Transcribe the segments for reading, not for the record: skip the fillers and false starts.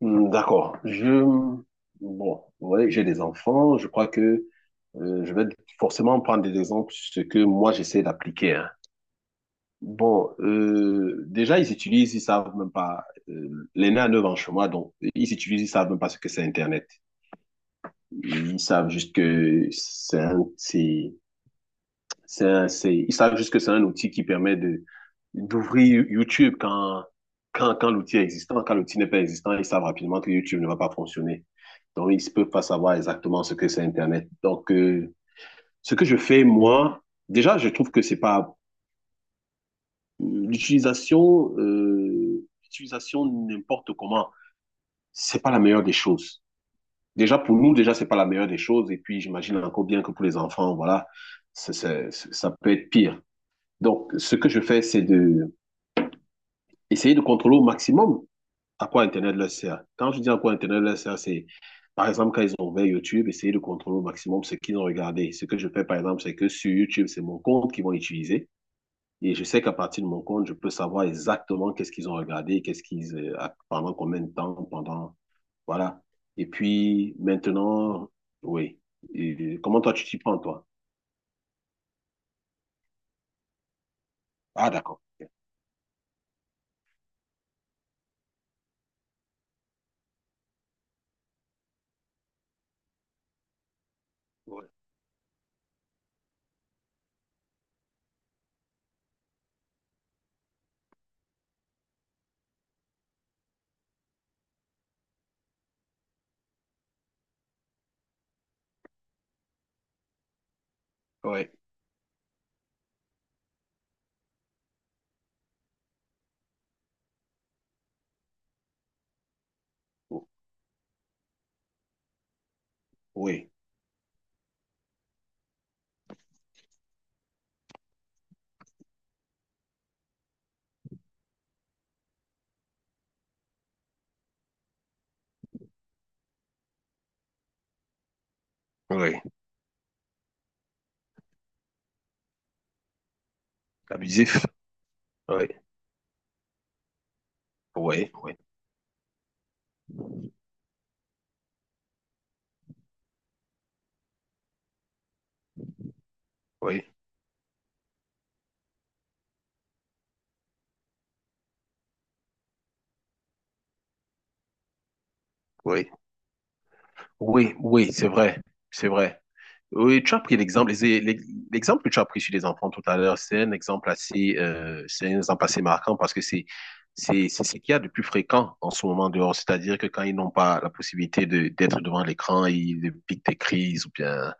Hmm, d'accord. Bon, ouais, j'ai des enfants. Je crois que je vais forcément prendre des exemples sur ce que moi j'essaie d'appliquer, hein. Bon, déjà ils utilisent, ils savent même pas. L'aîné a 9 ans chez moi, donc ils utilisent, ils savent même pas ce que c'est Internet. Ils savent juste que ils savent juste que c'est un outil qui permet d'ouvrir YouTube, quand l'outil est existant. Quand l'outil n'est pas existant, ils savent rapidement que YouTube ne va pas fonctionner. Donc, ils ne peuvent pas savoir exactement ce que c'est Internet. Donc, ce que je fais, moi, déjà, je trouve que c'est pas l'utilisation n'importe comment, c'est pas la meilleure des choses. Déjà, pour nous, déjà, c'est pas la meilleure des choses. Et puis, j'imagine encore bien que pour les enfants, voilà, ça peut être pire. Donc, ce que je fais, c'est de essayer de contrôler au maximum à quoi Internet leur sert. Quand je dis à quoi Internet leur sert, c'est, par exemple, quand ils ont ouvert YouTube, essayer de contrôler au maximum ce qu'ils ont regardé. Ce que je fais, par exemple, c'est que sur YouTube, c'est mon compte qu'ils vont utiliser. Et je sais qu'à partir de mon compte, je peux savoir exactement qu'est-ce qu'ils ont regardé, qu'est-ce qu'ils, pendant combien de temps, pendant, voilà. Et puis, maintenant, oui. Et comment toi, tu t'y prends, toi? Ah, d'accord. Ok. Ouais, ouais, oui, ouais. Abusif. Ouais. Oui, oui, oui, oui, oui, oui, c'est vrai, c'est vrai. Oui, tu as pris l'exemple, l'exemple que tu as pris sur les enfants tout à l'heure, c'est un exemple assez, c'est un exemple assez marquant parce que c'est ce qu'il y a de plus fréquent en ce moment dehors. C'est-à-dire que quand ils n'ont pas la possibilité d'être devant l'écran, ils piquent des crises ou bien,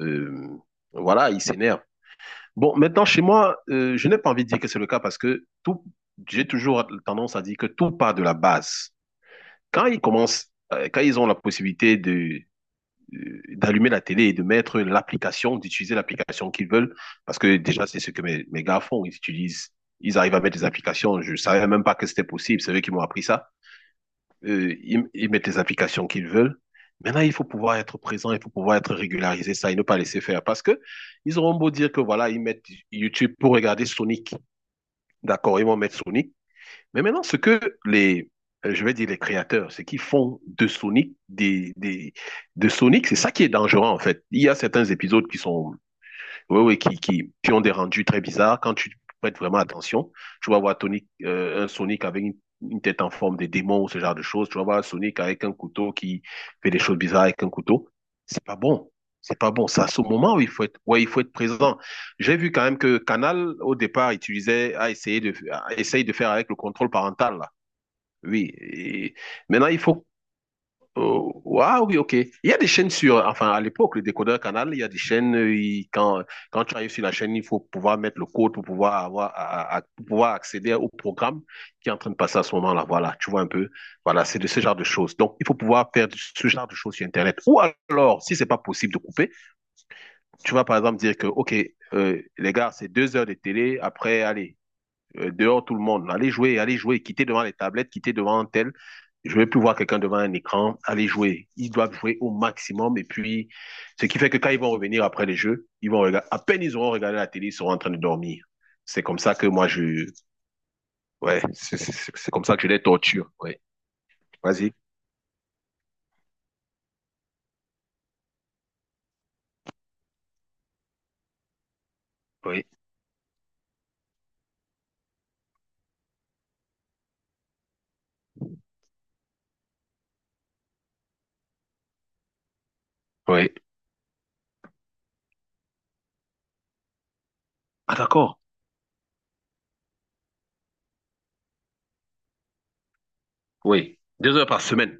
euh, voilà, ils s'énervent. Bon, maintenant, chez moi, je n'ai pas envie de dire que c'est le cas parce que tout, j'ai toujours tendance à dire que tout part de la base. Quand ils ont la possibilité de d'allumer la télé et de mettre l'application, d'utiliser l'application qu'ils veulent, parce que déjà, c'est ce que mes gars font, ils utilisent, ils arrivent à mettre des applications, je savais même pas que c'était possible, c'est eux qui m'ont appris ça. Ils mettent les applications qu'ils veulent. Maintenant, il faut pouvoir être présent, il faut pouvoir être régularisé, ça, et ne pas laisser faire, parce que ils auront beau dire que voilà, ils mettent YouTube pour regarder Sonic. D'accord, ils vont mettre Sonic, mais maintenant, ce que les, je vais dire les créateurs, ce qu'ils font de Sonic, de Sonic, c'est ça qui est dangereux en fait. Il y a certains épisodes qui sont, oui, oui, qui ont des rendus très bizarres. Quand tu prêtes vraiment attention, tu vas voir Tony, un Sonic avec une tête en forme de démon ou ce genre de choses. Tu vas voir un Sonic avec un couteau qui fait des choses bizarres avec un couteau. C'est pas bon. C'est pas bon. C'est à ce moment où il faut être, ouais, il faut être présent. J'ai vu quand même que Canal, au départ, utilisait, a essayé de faire avec le contrôle parental, là. Oui. Et maintenant, il faut. Oh ouais, oui, ok. Il y a des chaînes sur, enfin, à l'époque, le décodeur Canal, il y a des chaînes, quand tu arrives sur la chaîne, il faut pouvoir mettre le code pour pouvoir avoir, pour pouvoir accéder au programme qui est en train de passer à ce moment-là. Voilà, tu vois un peu. Voilà, c'est de ce genre de choses. Donc, il faut pouvoir faire ce genre de choses sur Internet. Ou alors, si c'est pas possible de couper, tu vas par exemple dire que, ok, les gars, c'est 2 heures de télé, après, allez dehors tout le monde. Allez jouer, quittez devant les tablettes, quittez devant un tel. Je ne vais plus voir quelqu'un devant un écran. Aller jouer. Ils doivent jouer au maximum. Et puis, ce qui fait que quand ils vont revenir après les jeux, ils vont regarder, à peine ils auront regardé la télé, ils seront en train de dormir. C'est comme ça que ouais, c'est comme ça que je les torture, ouais. Vas-y. Oui. Oui. Ah, d'accord. Oui. 2 heures par semaine.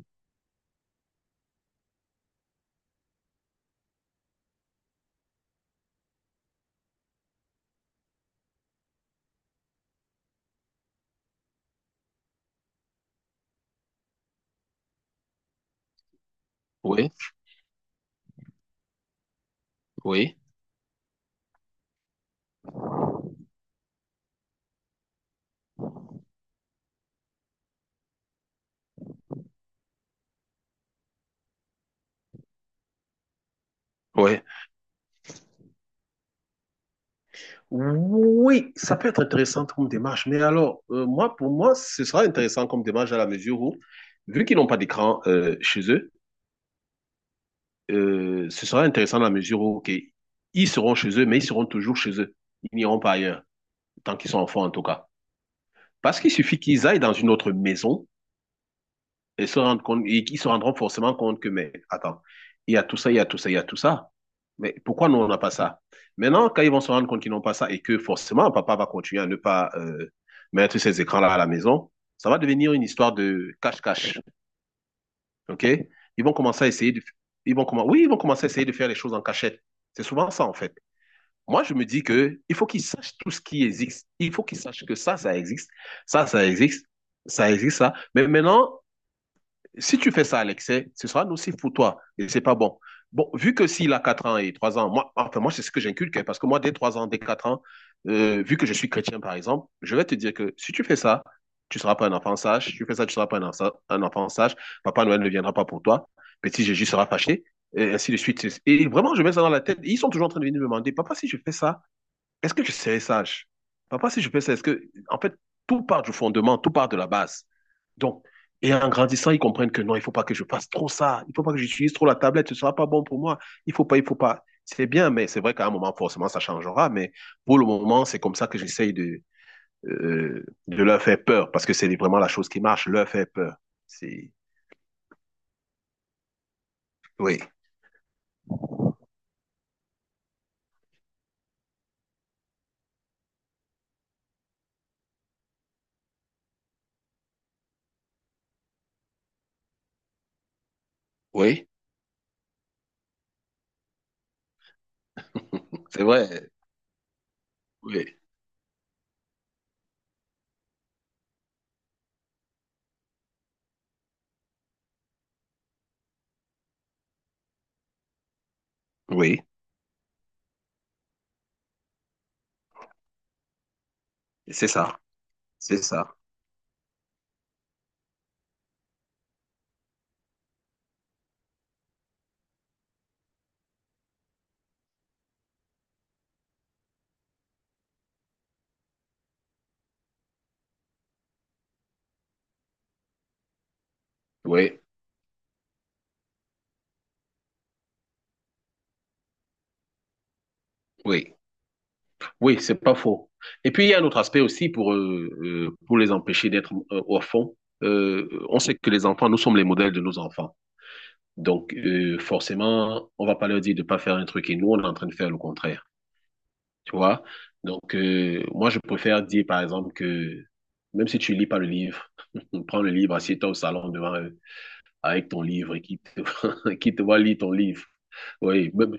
Oui. Oui. Oui. Oui, ça peut être intéressant comme démarche, mais alors, moi, pour moi, ce sera intéressant comme démarche à la mesure où, vu qu'ils n'ont pas d'écran chez eux, ce sera intéressant à la mesure où, OK, ils seront chez eux, mais ils seront toujours chez eux. Ils n'iront pas ailleurs, tant qu'ils sont enfants en tout cas. Parce qu'il suffit qu'ils aillent dans une autre maison et se rendent compte, et ils se rendront forcément compte que, mais attends, il y a tout ça, il y a tout ça, il y a tout ça. Mais pourquoi nous, on n'a pas ça? Maintenant, quand ils vont se rendre compte qu'ils n'ont pas ça et que forcément, papa va continuer à ne pas mettre ces écrans-là à la maison, ça va devenir une histoire de cache-cache. OK? Ils vont commencer à essayer de. Oui, ils vont commencer à essayer de faire les choses en cachette. C'est souvent ça, en fait. Moi, je me dis que il faut qu'ils sachent tout ce qui existe. Il faut qu'ils sachent que ça existe. Ça existe. Ça existe, ça. Mais maintenant, si tu fais ça à l'excès, ce sera nocif pour toi et c'est pas bon. Bon, vu que s'il a 4 ans et 3 ans, moi, enfin, moi, c'est ce que j'inculque, hein, parce que moi, dès 3 ans, dès 4 ans, vu que je suis chrétien, par exemple, je vais te dire que si tu fais ça, tu ne seras pas un enfant sage. Si tu fais ça, tu ne seras pas un enfant sage. Papa Noël ne viendra pas pour toi. Petit Jésus sera fâché, et ainsi de suite. Et vraiment, je mets ça dans la tête. Et ils sont toujours en train de venir me demander, papa, si je fais ça, est-ce que je serais sage. Papa, si je fais ça, est-ce que… En fait, tout part du fondement, tout part de la base. Donc, et en grandissant, ils comprennent que non, il ne faut pas que je fasse trop ça, il ne faut pas que j'utilise trop la tablette, ce ne sera pas bon pour moi, il ne faut pas, il ne faut pas. C'est bien, mais c'est vrai qu'à un moment, forcément, ça changera. Mais pour le moment, c'est comme ça que j'essaye de leur faire peur, parce que c'est vraiment la chose qui marche, leur faire peur. C'est… Oui. Oui, c'est vrai. Oui. Oui. C'est ça, c'est ça. Oui, oui, oui, c'est pas faux. Et puis, il y a un autre aspect aussi pour les empêcher d'être au on sait que les enfants, nous sommes les modèles de nos enfants. Donc, forcément, on va pas leur dire de pas faire un truc et nous, on est en train de faire le contraire. Tu vois? Donc, moi, je préfère dire, par exemple, que même si tu lis pas le livre, prends le livre, assieds-toi au salon devant eux avec ton livre et qui te voit lire ton livre. Oui,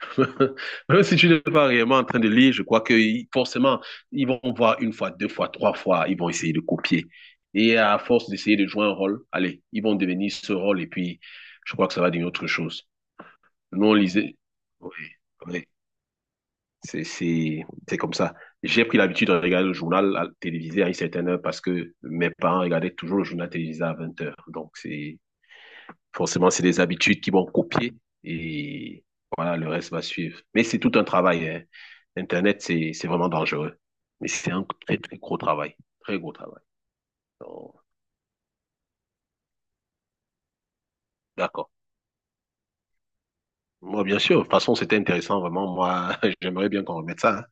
Même si tu n'es pas réellement en train de lire, je crois que forcément, ils vont voir une fois, deux fois, trois fois, ils vont essayer de copier. Et à force d'essayer de jouer un rôle, allez, ils vont devenir ce rôle et puis je crois que ça va devenir autre chose. Nous, on lisait. Oui, oui, c'est, comme ça. J'ai pris l'habitude de regarder le journal télévisé à une certaine heure parce que mes parents regardaient toujours le journal télévisé à 20 heures. Donc, forcément, c'est des habitudes qui vont copier et voilà, le reste va suivre. Mais c'est tout un travail, hein. Internet, c'est vraiment dangereux. Mais c'est un très, très gros travail. Très gros travail. Donc, d'accord. Moi, bien sûr. De toute façon, c'était intéressant, vraiment. Moi, j'aimerais bien qu'on remette ça, hein.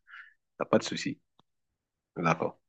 T'as pas de souci. D'accord.